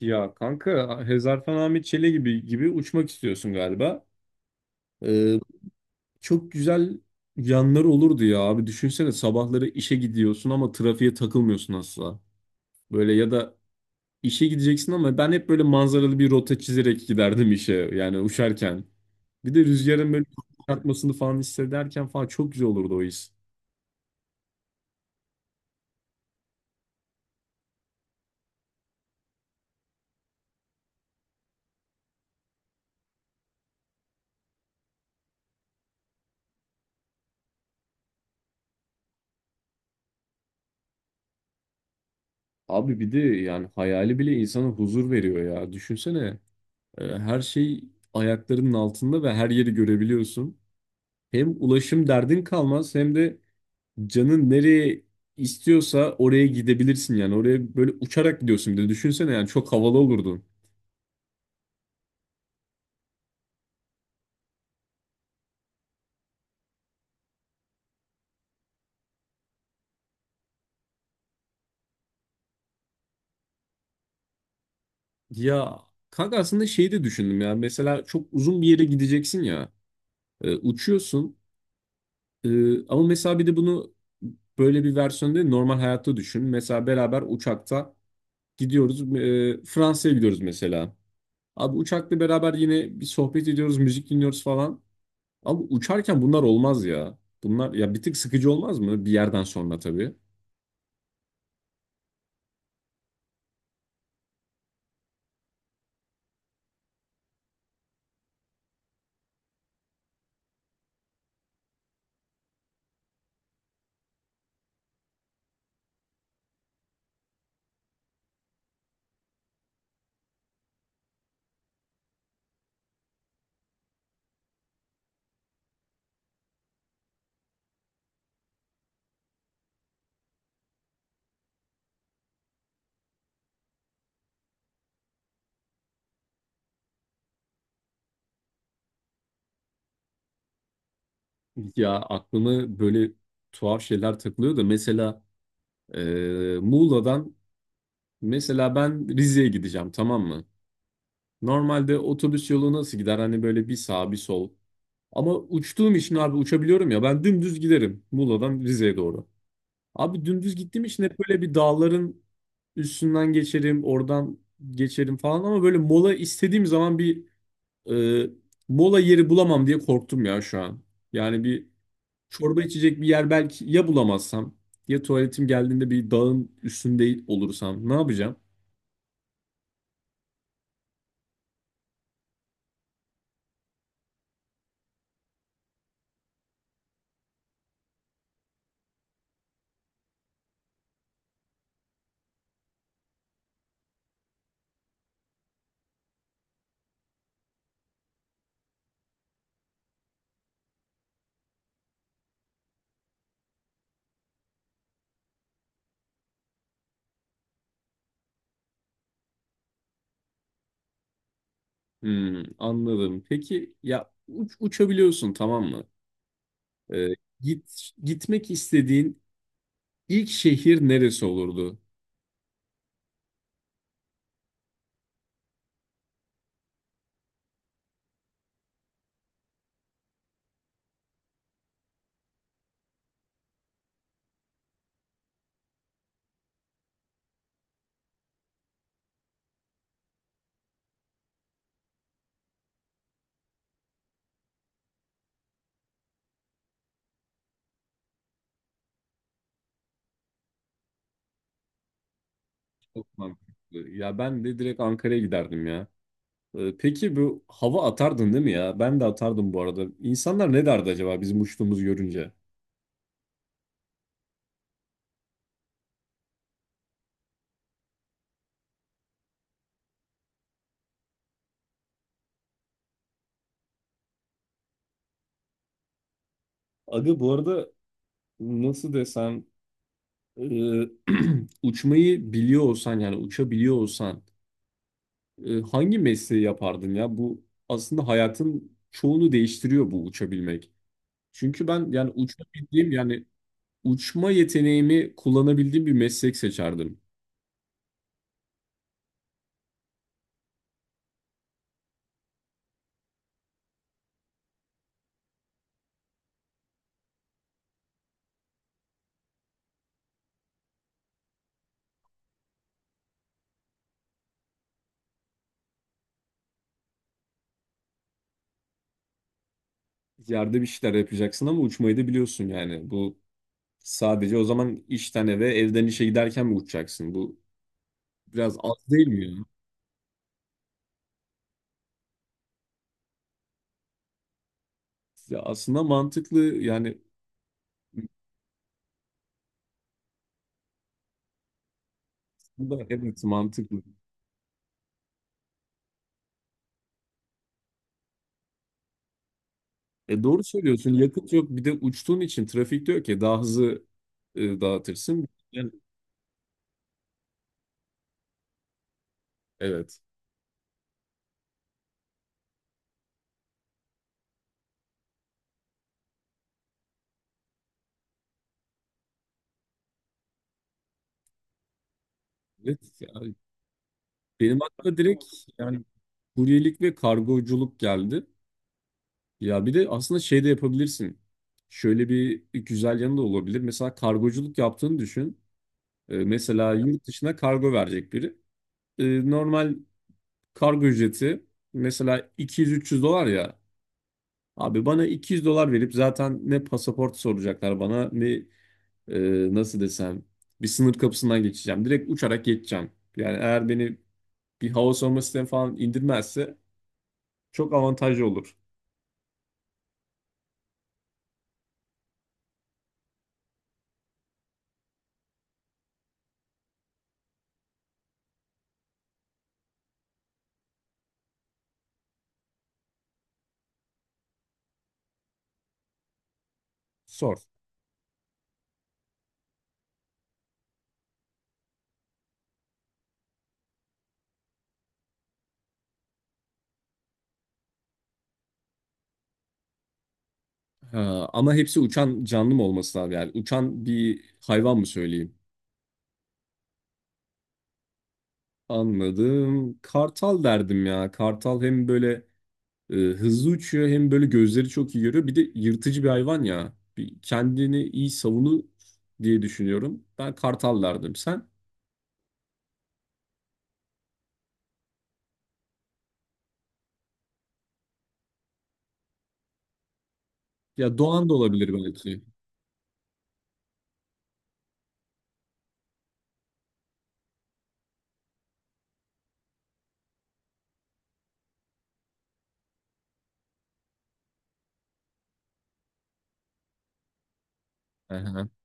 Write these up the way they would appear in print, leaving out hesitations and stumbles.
Ya kanka Hezarfen Ahmet Çele gibi gibi uçmak istiyorsun galiba. Ee, Çok güzel yanları olurdu ya abi. Düşünsene sabahları işe gidiyorsun ama trafiğe takılmıyorsun asla. Böyle ya da işe gideceksin ama ben hep böyle manzaralı bir rota çizerek giderdim işe yani uçarken. Bir de rüzgarın böyle çarpmasını falan hissederken falan çok güzel olurdu o his. Abi bir de yani hayali bile insana huzur veriyor ya. Düşünsene her şey ayaklarının altında ve her yeri görebiliyorsun. Hem ulaşım derdin kalmaz hem de canın nereye istiyorsa oraya gidebilirsin yani. Oraya böyle uçarak gidiyorsun bir de düşünsene yani çok havalı olurdu. Ya kanka aslında şeyi de düşündüm ya mesela çok uzun bir yere gideceksin ya. Uçuyorsun. Ama mesela bir de bunu böyle bir versiyonda değil, normal hayatta düşün. Mesela beraber uçakta gidiyoruz, Fransa'ya gidiyoruz mesela. Abi uçakla beraber yine bir sohbet ediyoruz, müzik dinliyoruz falan. Abi uçarken bunlar olmaz ya. Bunlar ya bir tık sıkıcı olmaz mı? Bir yerden sonra tabii. Ya aklımı böyle tuhaf şeyler takılıyor da mesela e, Muğla'dan mesela ben Rize'ye gideceğim, tamam mı? Normalde otobüs yolu nasıl gider? Hani böyle bir sağ bir sol. Ama uçtuğum için abi, uçabiliyorum ya ben, dümdüz giderim Muğla'dan Rize'ye doğru. Abi dümdüz gittiğim için hep böyle bir dağların üstünden geçerim, oradan geçerim falan ama böyle mola istediğim zaman bir Ee, mola yeri bulamam diye korktum ya şu an. Yani bir çorba içecek bir yer belki ya bulamazsam, ya tuvaletim geldiğinde bir dağın üstünde olursam ne yapacağım? Hmm, anladım. Peki ya uçabiliyorsun, tamam mı? Ee, Gitmek istediğin ilk şehir neresi olurdu? Çok mantıklı. Ya ben de direkt Ankara'ya giderdim ya. Peki bu hava atardın değil mi ya? Ben de atardım bu arada. İnsanlar ne derdi acaba bizim uçtuğumuzu görünce? Aga bu arada nasıl desem, e, uçmayı biliyor olsan, yani uçabiliyor olsan, hangi mesleği yapardın ya? Bu aslında hayatın çoğunu değiştiriyor, bu uçabilmek. Çünkü ben yani uçabildiğim yani uçma yeteneğimi kullanabildiğim bir meslek seçerdim. Yerde bir şeyler yapacaksın ama uçmayı da biliyorsun yani. Bu sadece o zaman işten eve, evden işe giderken mi uçacaksın? Bu biraz az değil mi ya? Ya aslında mantıklı yani aslında evet, mantıklı. Doğru söylüyorsun. Yakıt yok. Bir de uçtuğun için trafik diyor ki daha hızlı dağıtırsın. Yani, evet. Evet. Yani benim aklıma direkt yani kuryelik ve kargoculuk geldi. Ya bir de aslında şey de yapabilirsin. Şöyle bir güzel yanı da olabilir. Mesela kargoculuk yaptığını düşün. Mesela yurt dışına kargo verecek biri. E, Normal kargo ücreti mesela 200-300 dolar ya. Abi bana 200 dolar verip zaten ne pasaport soracaklar bana ne, nasıl desem, bir sınır kapısından geçeceğim. Direkt uçarak geçeceğim. Yani eğer beni bir hava savunma sistemi falan indirmezse çok avantajlı olur. Sor. Ha, ama hepsi uçan canlı mı olması lazım yani? Uçan bir hayvan mı söyleyeyim? Anladım. Kartal derdim ya. Kartal hem böyle hızlı uçuyor hem böyle gözleri çok iyi görüyor. Bir de yırtıcı bir hayvan ya. Bir kendini iyi savunur diye düşünüyorum. Ben kartal derdim. Sen? Ya doğan da olabilir belki.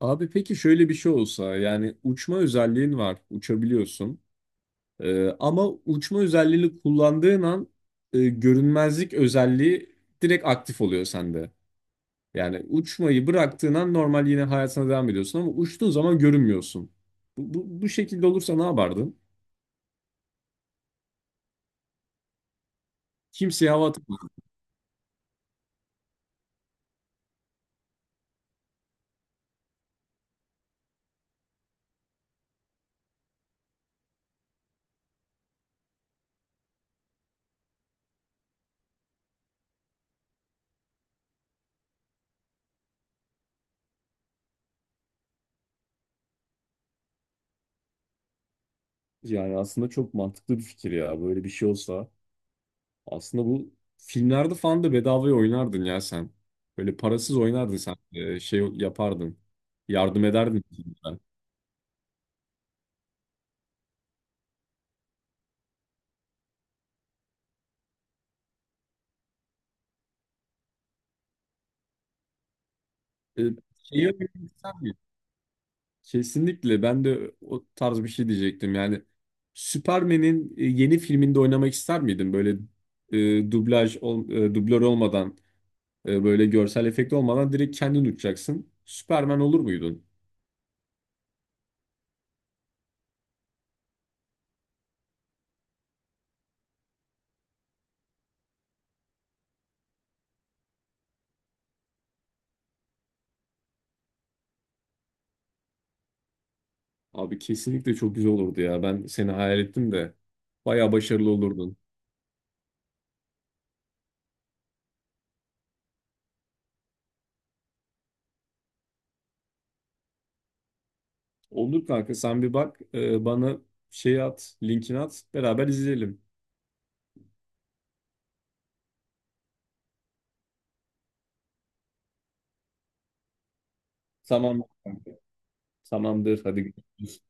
Abi peki şöyle bir şey olsa, yani uçma özelliğin var, uçabiliyorsun. Ama uçma özelliğini kullandığın an görünmezlik özelliği direkt aktif oluyor sende. Yani uçmayı bıraktığın an normal yine hayatına devam ediyorsun ama uçtuğun zaman görünmüyorsun. Bu şekilde olursa ne yapardın? Kimseye hava atamazdın. Yani aslında çok mantıklı bir fikir ya, böyle bir şey olsa. Aslında bu filmlerde falan da bedavaya oynardın ya sen. Böyle parasız oynardın sen. Şey yapardın. Yardım ederdin filmlere. Ee, Şeyi oynamak ister miydin? Kesinlikle ben de o tarz bir şey diyecektim. Yani Superman'in yeni filminde oynamak ister miydin? Böyle dublör olmadan, böyle görsel efekt olmadan direkt kendin uçacaksın. Superman olur muydun? Abi kesinlikle çok güzel olurdu ya. Ben seni hayal ettim de bayağı başarılı olurdun. Olur kanka, sen bir bak, bana şey at, linkini at, beraber izleyelim. Tamam kanka. Tamamdır hadi. Görüşürüz.